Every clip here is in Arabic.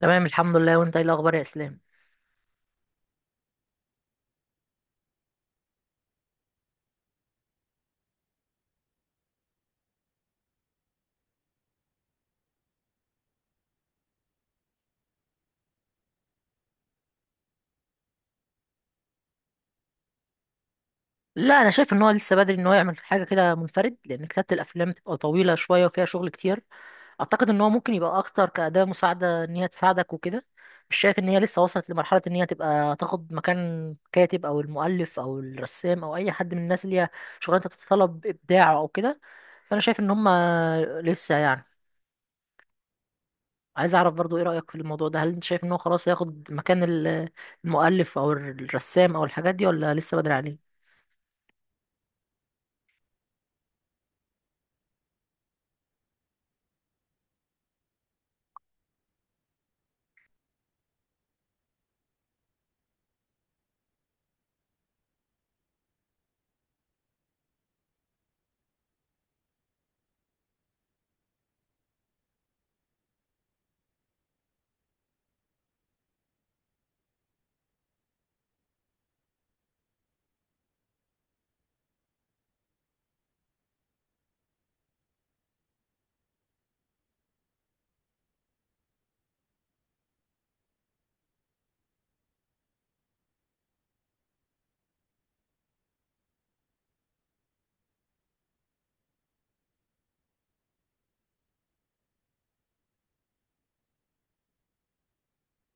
تمام، الحمد لله. وانت ايه الاخبار يا اسلام؟ لا، انا شايف ان هو لسه بدري ان هو يعمل حاجه كده منفرد، لان كتابه الافلام تبقى طويله شويه وفيها شغل كتير. اعتقد ان هو ممكن يبقى اكتر كاداه مساعده ان هي تساعدك وكده. مش شايف ان هي لسه وصلت لمرحله ان هي تبقى تاخد مكان كاتب او المؤلف او الرسام او اي حد من الناس اللي هي شغلانه تتطلب ابداع او كده. فانا شايف ان هم لسه، يعني، عايز اعرف برضو ايه رايك في الموضوع ده. هل انت شايف ان هو خلاص هياخد مكان المؤلف او الرسام او الحاجات دي، ولا لسه بدري عليه؟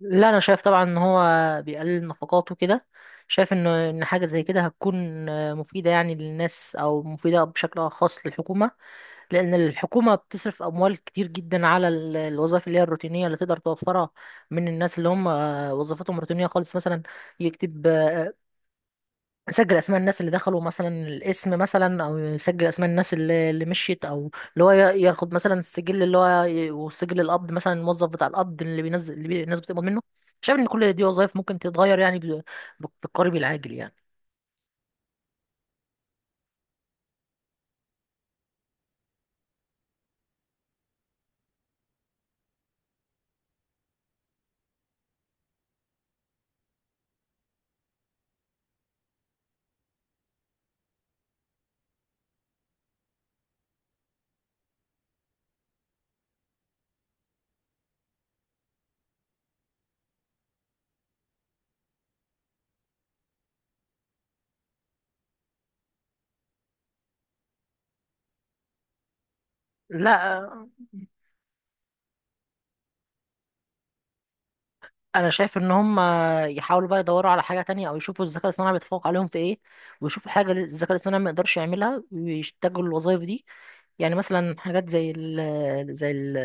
لا، انا شايف طبعا ان هو بيقلل نفقاته كده. شايف ان حاجه زي كده هتكون مفيده يعني للناس، او مفيده بشكل خاص للحكومه. لان الحكومه بتصرف اموال كتير جدا على الوظائف اللي هي الروتينيه اللي تقدر توفرها من الناس اللي هم وظيفتهم روتينيه خالص، مثلا يكتب، يسجل اسماء الناس اللي دخلوا مثلا، الاسم مثلا، او يسجل اسماء الناس اللي مشيت، او اللي هو ياخد مثلا السجل اللي هو وسجل القبض مثلا، الموظف بتاع القبض اللي بينزل اللي الناس بتقبض منه. شايف ان كل دي وظائف ممكن تتغير، يعني بالقريب العاجل يعني. لا، انا شايف ان هم يحاولوا بقى يدوروا على حاجه تانية، او يشوفوا الذكاء الاصطناعي بيتفوق عليهم في ايه، ويشوفوا حاجه الذكاء الاصطناعي ما يقدرش يعملها ويشتغلوا الوظائف دي. يعني مثلا حاجات زي ال زي ال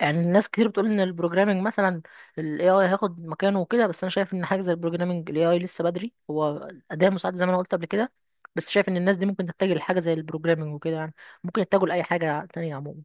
يعني الناس كتير بتقول ان البروجرامنج مثلا الاي اي هياخد مكانه وكده. بس انا شايف ان حاجه زي البروجرامنج، الاي اي لسه بدري، هو اداه مساعد زي ما انا قلت قبل كده. بس شايف ان الناس دي ممكن تتجه لحاجه زي البروجرامنج وكده، يعني ممكن يتجهوا لاي حاجه تانية عموما.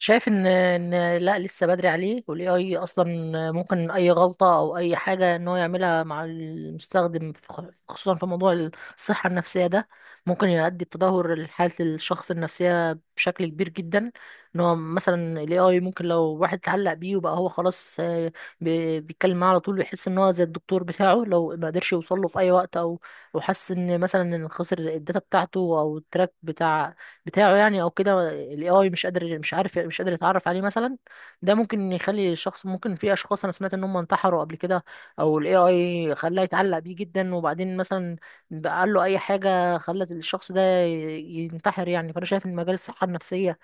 شايف ان لا، لسه بدري عليه. والاي اي اصلا ممكن اي غلطه او اي حاجه ان هو يعملها مع المستخدم في خصوصا في موضوع الصحه النفسيه ده، ممكن يؤدي بتدهور لحاله الشخص النفسيه بشكل كبير جدا. ان هو مثلا الاي اي، ممكن لو واحد اتعلق بيه وبقى هو خلاص، بيتكلم معاه على طول ويحس ان هو زي الدكتور بتاعه، لو ما قدرش يوصل له في اي وقت، او او حس ان مثلا ان خسر الداتا بتاعته او التراك بتاعه يعني، او كده الاي اي مش قادر مش عارف مش قادر يتعرف عليه مثلا. ده ممكن يخلي الشخص، ممكن، في اشخاص انا سمعت ان هم انتحروا قبل كده، او الاي اي خلاه يتعلق بيه جدا وبعدين مثلا بقى قال له اي حاجه خلت الشخص ده ينتحر يعني. فانا شايف ان مجال الصحه النفسيه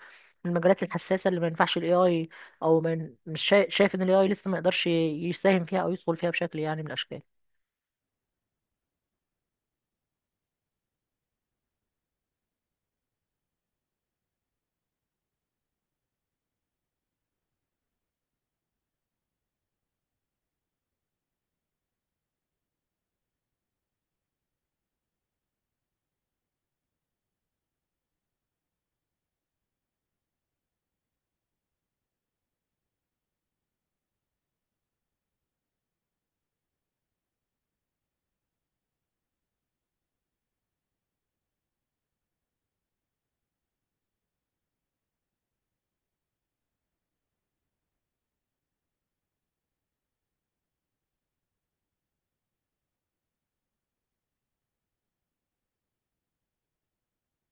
من المجالات الحساسه اللي ما ينفعش الاي اي، او من مش شايف, شايف ان الاي اي لسه ما يقدرش يساهم فيها، او يدخل فيها بشكل يعني من الاشكال.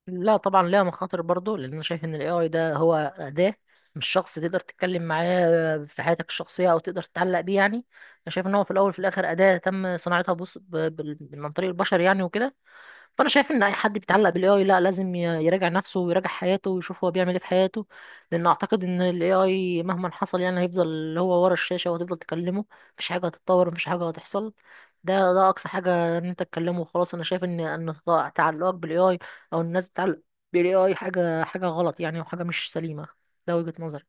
لا، طبعا ليها مخاطر برضه، لان انا شايف ان الاي اي ده هو اداه، مش شخص تقدر تتكلم معاه في حياتك الشخصيه او تقدر تتعلق بيه، يعني، انا شايف ان هو في الاول وفي الاخر اداه تم صناعتها، بص، من عن طريق البشر، يعني وكده. فانا شايف ان اي حد بيتعلق بالاي اي، لا، لازم يراجع نفسه ويراجع حياته ويشوف هو بيعمل ايه في حياته. لان اعتقد ان الاي اي مهما حصل يعني هيفضل هو ورا الشاشه وهتفضل تكلمه. مفيش حاجه هتتطور، مفيش حاجه هتحصل. ده اقصى حاجه ان انت تكلمه وخلاص. انا شايف ان تعلقك بالاي اي، او الناس بتتعلق بالاي اي، حاجه غلط يعني، وحاجه مش سليمه. ده وجهه نظري.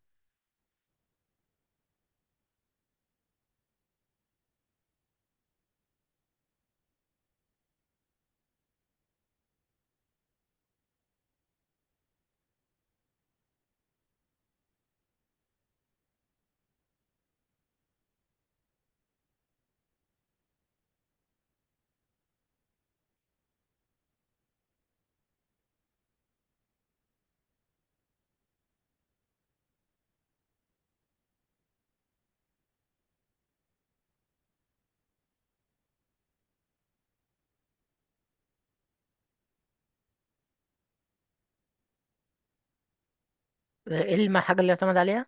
ايه الحاجه اللي يعتمد عليها؟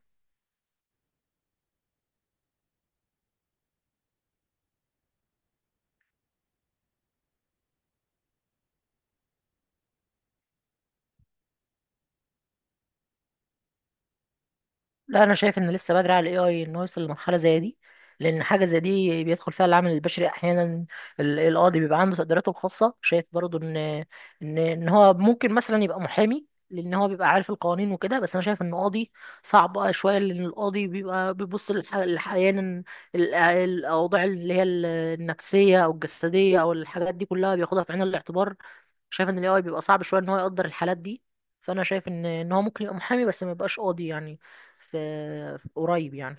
لا، انا شايف ان لسه بدري على الاي اي انه يوصل لمرحله زي دي. لان حاجه زي دي بيدخل فيها العامل البشري احيانا. القاضي بيبقى عنده تقديراته الخاصه. شايف برضو ان هو ممكن مثلا يبقى محامي، لان هو بيبقى عارف القوانين وكده. بس انا شايف ان قاضي صعب شويه، لان القاضي بيبقى بيبص احيانا الاوضاع اللي هي النفسيه او الجسديه او الحاجات دي كلها بياخدها في عين الاعتبار. شايف ان الاي بيبقى صعب شويه ان هو يقدر الحالات دي. فانا شايف ان هو ممكن يبقى محامي، بس ما يبقاش قاضي، يعني في, في قريب يعني.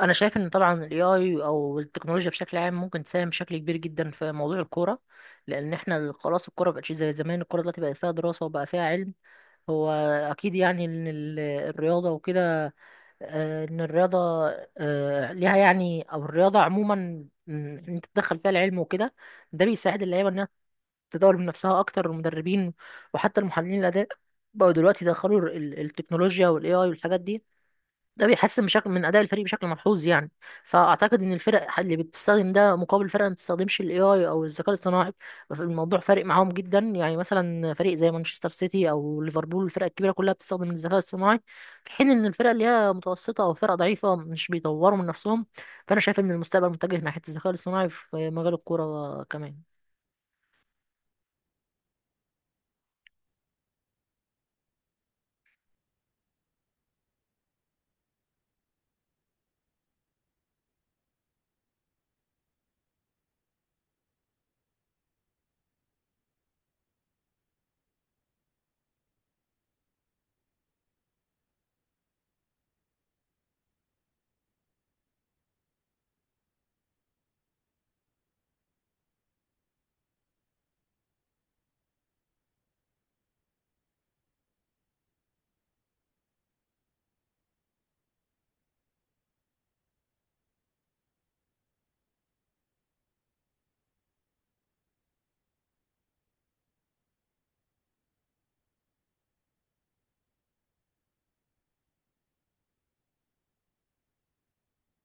انا شايف ان طبعا الاي اي او التكنولوجيا بشكل عام ممكن تساهم بشكل كبير جدا في موضوع الكوره. لان احنا خلاص الكوره مبقتش زي زمان، الكوره دلوقتي بقت فيها دراسه وبقى فيها علم. هو اكيد يعني ان الرياضه وكده، ان الرياضه ليها، يعني، او الرياضه عموما، إن انت تدخل فيها العلم وكده، ده بيساعد اللعيبه ان تطور من نفسها اكتر. المدربين وحتى المحللين الاداء بقوا دلوقتي يدخلوا التكنولوجيا والاي اي والحاجات دي. ده بيحسن بشكل من اداء الفريق بشكل ملحوظ يعني. فاعتقد ان الفرق اللي بتستخدم ده مقابل فرق ما بتستخدمش الاي اي او الذكاء الاصطناعي، الموضوع فارق معاهم جدا، يعني مثلا فريق زي مانشستر سيتي او ليفربول، الفرق الكبيره كلها بتستخدم الذكاء الاصطناعي. في حين ان الفرق اللي هي متوسطه او فرق ضعيفه مش بيطوروا من نفسهم. فانا شايف ان المستقبل متجه ناحيه الذكاء الاصطناعي في مجال الكوره كمان.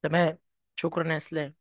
تمام. شكرا يا اسلام.